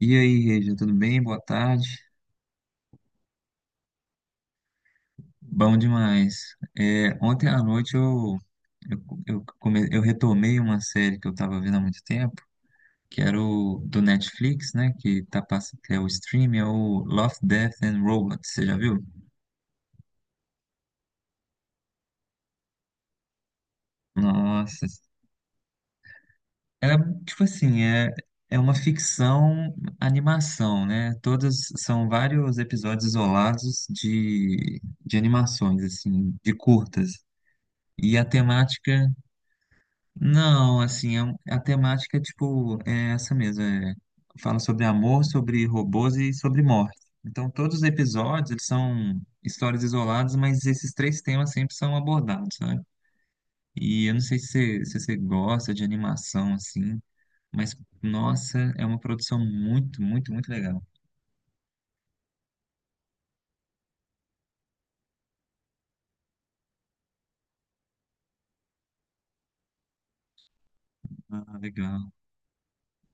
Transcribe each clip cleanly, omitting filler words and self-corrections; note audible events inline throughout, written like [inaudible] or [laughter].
E aí, Regia, tudo bem? Boa tarde. Bom demais. Ontem à noite eu retomei uma série que eu estava vendo há muito tempo, que era o do Netflix, né? Que é o stream, é o Love, Death and Robots. Você já viu? Nossa. É, tipo assim, é uma ficção animação, né? Todas são vários episódios isolados de animações, assim, de curtas. E a temática. Não, assim, é a temática, tipo, é essa mesmo. Fala sobre amor, sobre robôs e sobre morte. Então, todos os episódios, eles são histórias isoladas, mas esses três temas sempre são abordados, sabe? E eu não sei se você gosta de animação, assim, mas, nossa, é uma produção muito, muito, muito legal. Ah, legal.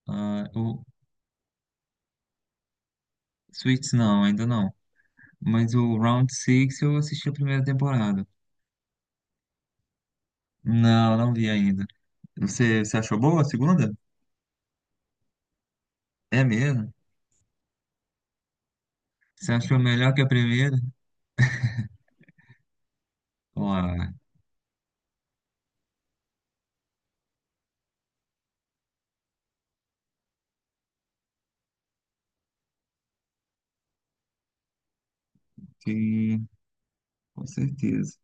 Ah, o Suits, não, ainda não. Mas o Round Six eu assisti a primeira temporada. Não, não vi ainda. Você achou boa a segunda? É mesmo? Você achou melhor que a primeira? Claro, sim, com certeza.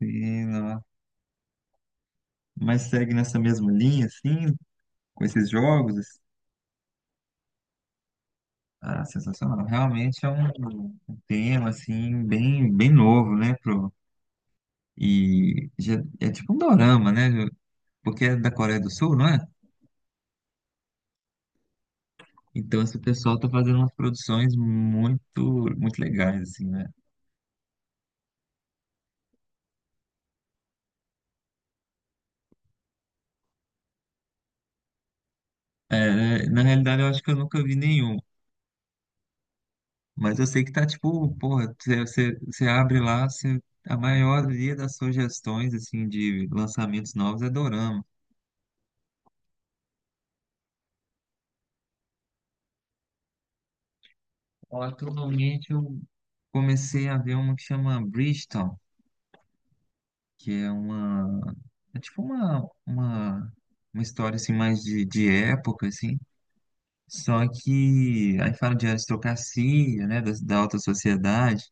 Sim, não. Mas segue nessa mesma linha, assim, com esses jogos, assim? Ah, sensacional. Realmente é um tema, assim, bem, bem novo, né? Pro... É tipo um dorama, né? Porque é da Coreia do Sul, não é? Então esse pessoal tá fazendo umas produções muito, muito legais, assim, né? É, na realidade, eu acho que eu nunca vi nenhum. Mas eu sei que tá tipo, porra, você abre lá, a maioria das sugestões assim de lançamentos novos é dorama. Ó, atualmente eu comecei a ver uma que chama Bridgerton, que é uma, é tipo uma história assim mais de época assim. Só que aí fala de aristocracia, né, da alta sociedade,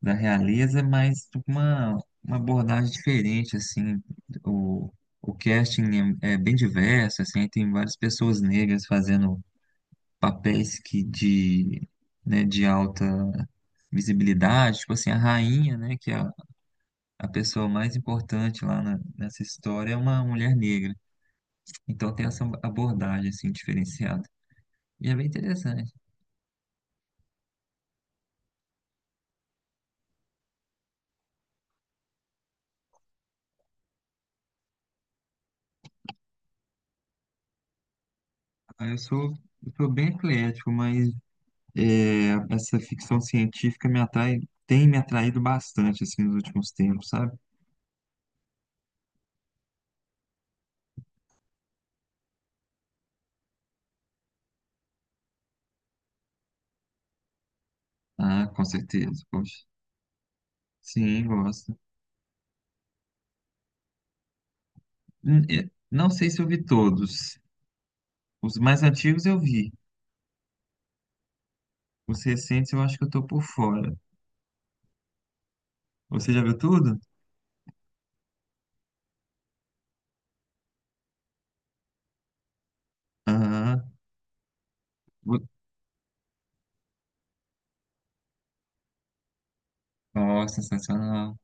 da realeza, mas uma abordagem diferente, assim, o, o casting é, é bem diverso, assim, tem várias pessoas negras fazendo papéis que de, né, de alta visibilidade, tipo assim, a rainha, né, a pessoa mais importante nessa história é uma mulher negra, então tem essa abordagem, assim, diferenciada, e é bem interessante. Ah, eu sou bem eclético, mas é, essa ficção científica me atrai, tem me atraído bastante assim nos últimos tempos, sabe? Ah, com certeza, poxa. Sim, gosto. Não sei se eu vi todos. Os mais antigos eu vi. Os recentes eu acho que eu tô por fora. Você já viu tudo? Aham. Vo- Ó, sensacional.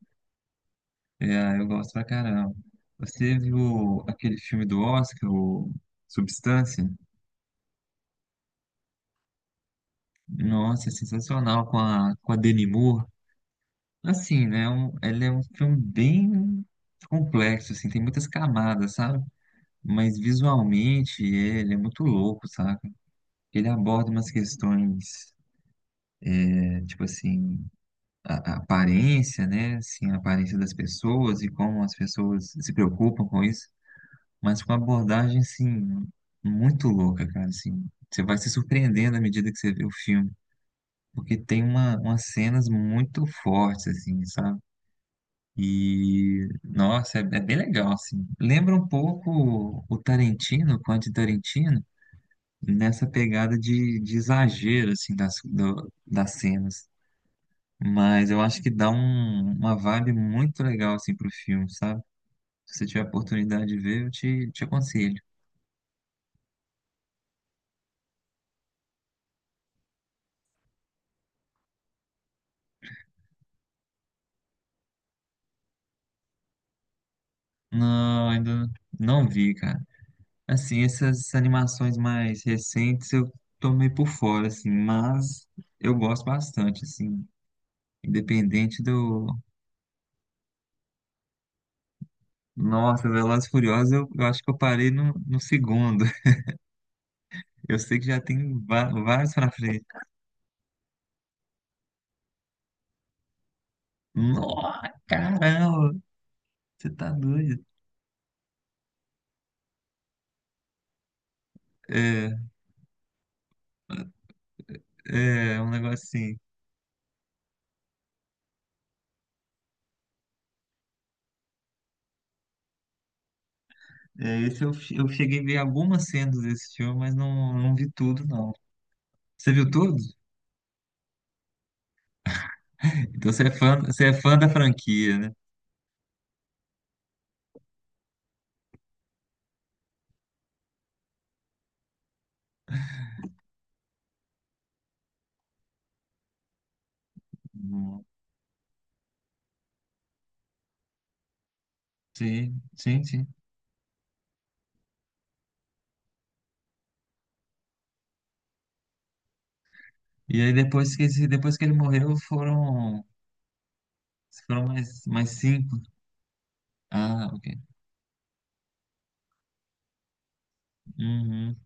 É, eu gosto pra caramba. Você viu aquele filme do Oscar, o Substância? Nossa, é sensacional com a Demi Moore. Assim, né? Ele é um filme bem complexo, assim, tem muitas camadas, sabe? Mas visualmente ele é muito louco, sabe? Ele aborda umas questões, tipo assim, a aparência, né? Assim, a aparência das pessoas e como as pessoas se preocupam com isso, mas com uma abordagem, assim, muito louca, cara, assim. Você vai se surpreendendo à medida que você vê o filme, porque tem uma, umas cenas muito fortes, assim, sabe? E, nossa, é, é bem legal, assim. Lembra um pouco o Tarantino, o Quentin Tarantino, nessa pegada de exagero, assim, das, das cenas. Mas eu acho que dá uma vibe muito legal, assim, pro filme, sabe? Se você tiver a oportunidade de ver, te aconselho. Não, ainda não vi, cara. Assim, essas animações mais recentes eu tô meio por fora, assim, mas eu gosto bastante, assim, independente do... Nossa, Velozes e Furiosos, eu acho que eu parei no segundo. [laughs] Eu sei que já tem vários pra frente. Nossa, caramba, você tá doido. É, é um negócio assim. É, esse eu, eu cheguei a ver algumas cenas desse filme, mas não, não vi tudo, não. Você viu tudo? [laughs] Então você é fã da franquia, né? Hum, sim, sim, sim. E aí depois que, depois que ele morreu, foram, foram mais, mais cinco. Ah, ok. Uhum.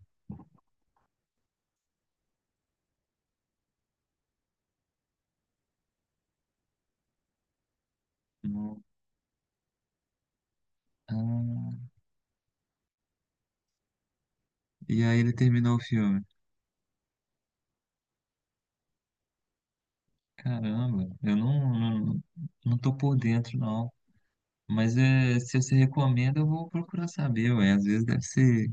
Não. E aí ele terminou o filme. Caramba, eu não, não, não tô por dentro, não. Mas é, se você recomenda, eu vou procurar saber, ué. Às vezes deve ser.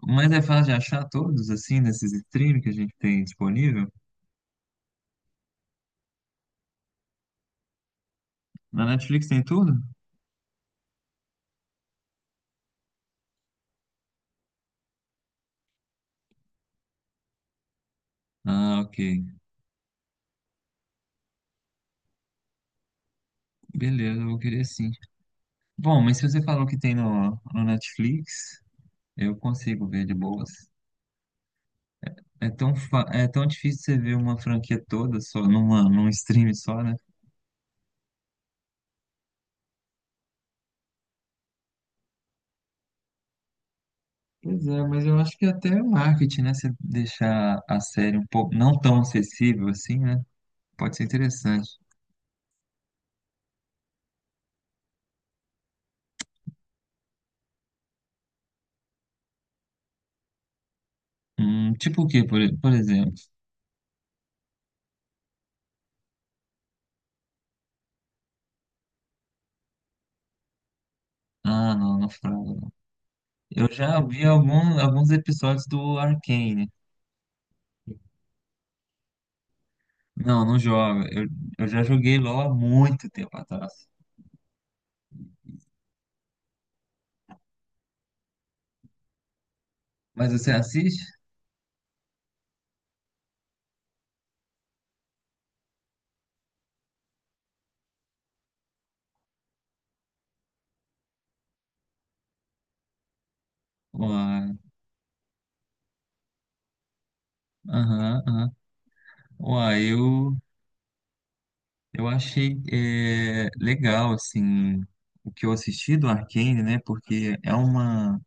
Mas é fácil de achar todos, assim, nesses streams que a gente tem disponível? Na Netflix tem tudo? Ah, ok. Beleza, eu vou querer sim. Bom, mas se você falou que tem no, no Netflix, eu consigo ver de boas. É tão, é tão difícil você ver uma franquia toda só numa, num stream só, né? Pois é, mas eu acho que até o marketing, né? Se deixar a série um pouco não tão acessível assim, né? Pode ser interessante. Tipo o quê, por exemplo? Ah, não, não fraga, não. Eu já vi algum, alguns episódios do Arcane. Não, não joga. Eu já joguei LOL há muito tempo atrás. Mas você assiste? Uai, aham, aham. Uai, eu, eu achei é, legal, assim, o que eu assisti do Arcane, né? Porque é uma...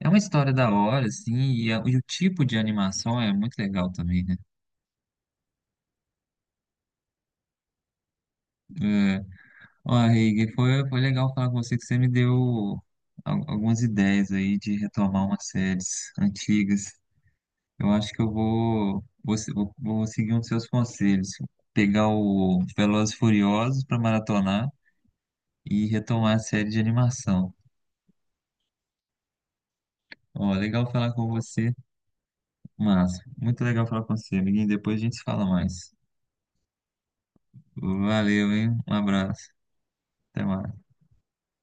É uma história da hora, assim, e, e o tipo de animação é muito legal também, né? É, ó, Reig, foi, foi legal falar com você que você me deu algumas ideias aí de retomar umas séries antigas. Eu acho que eu vou, vou, se- vou- vou seguir um dos seus conselhos, pegar o Velozes e Furiosos para maratonar e retomar a série de animação. Ó, legal falar com você, Márcio. Muito legal falar com você, amiguinho. Depois a gente se fala mais. Valeu, hein? Um abraço. Até mais.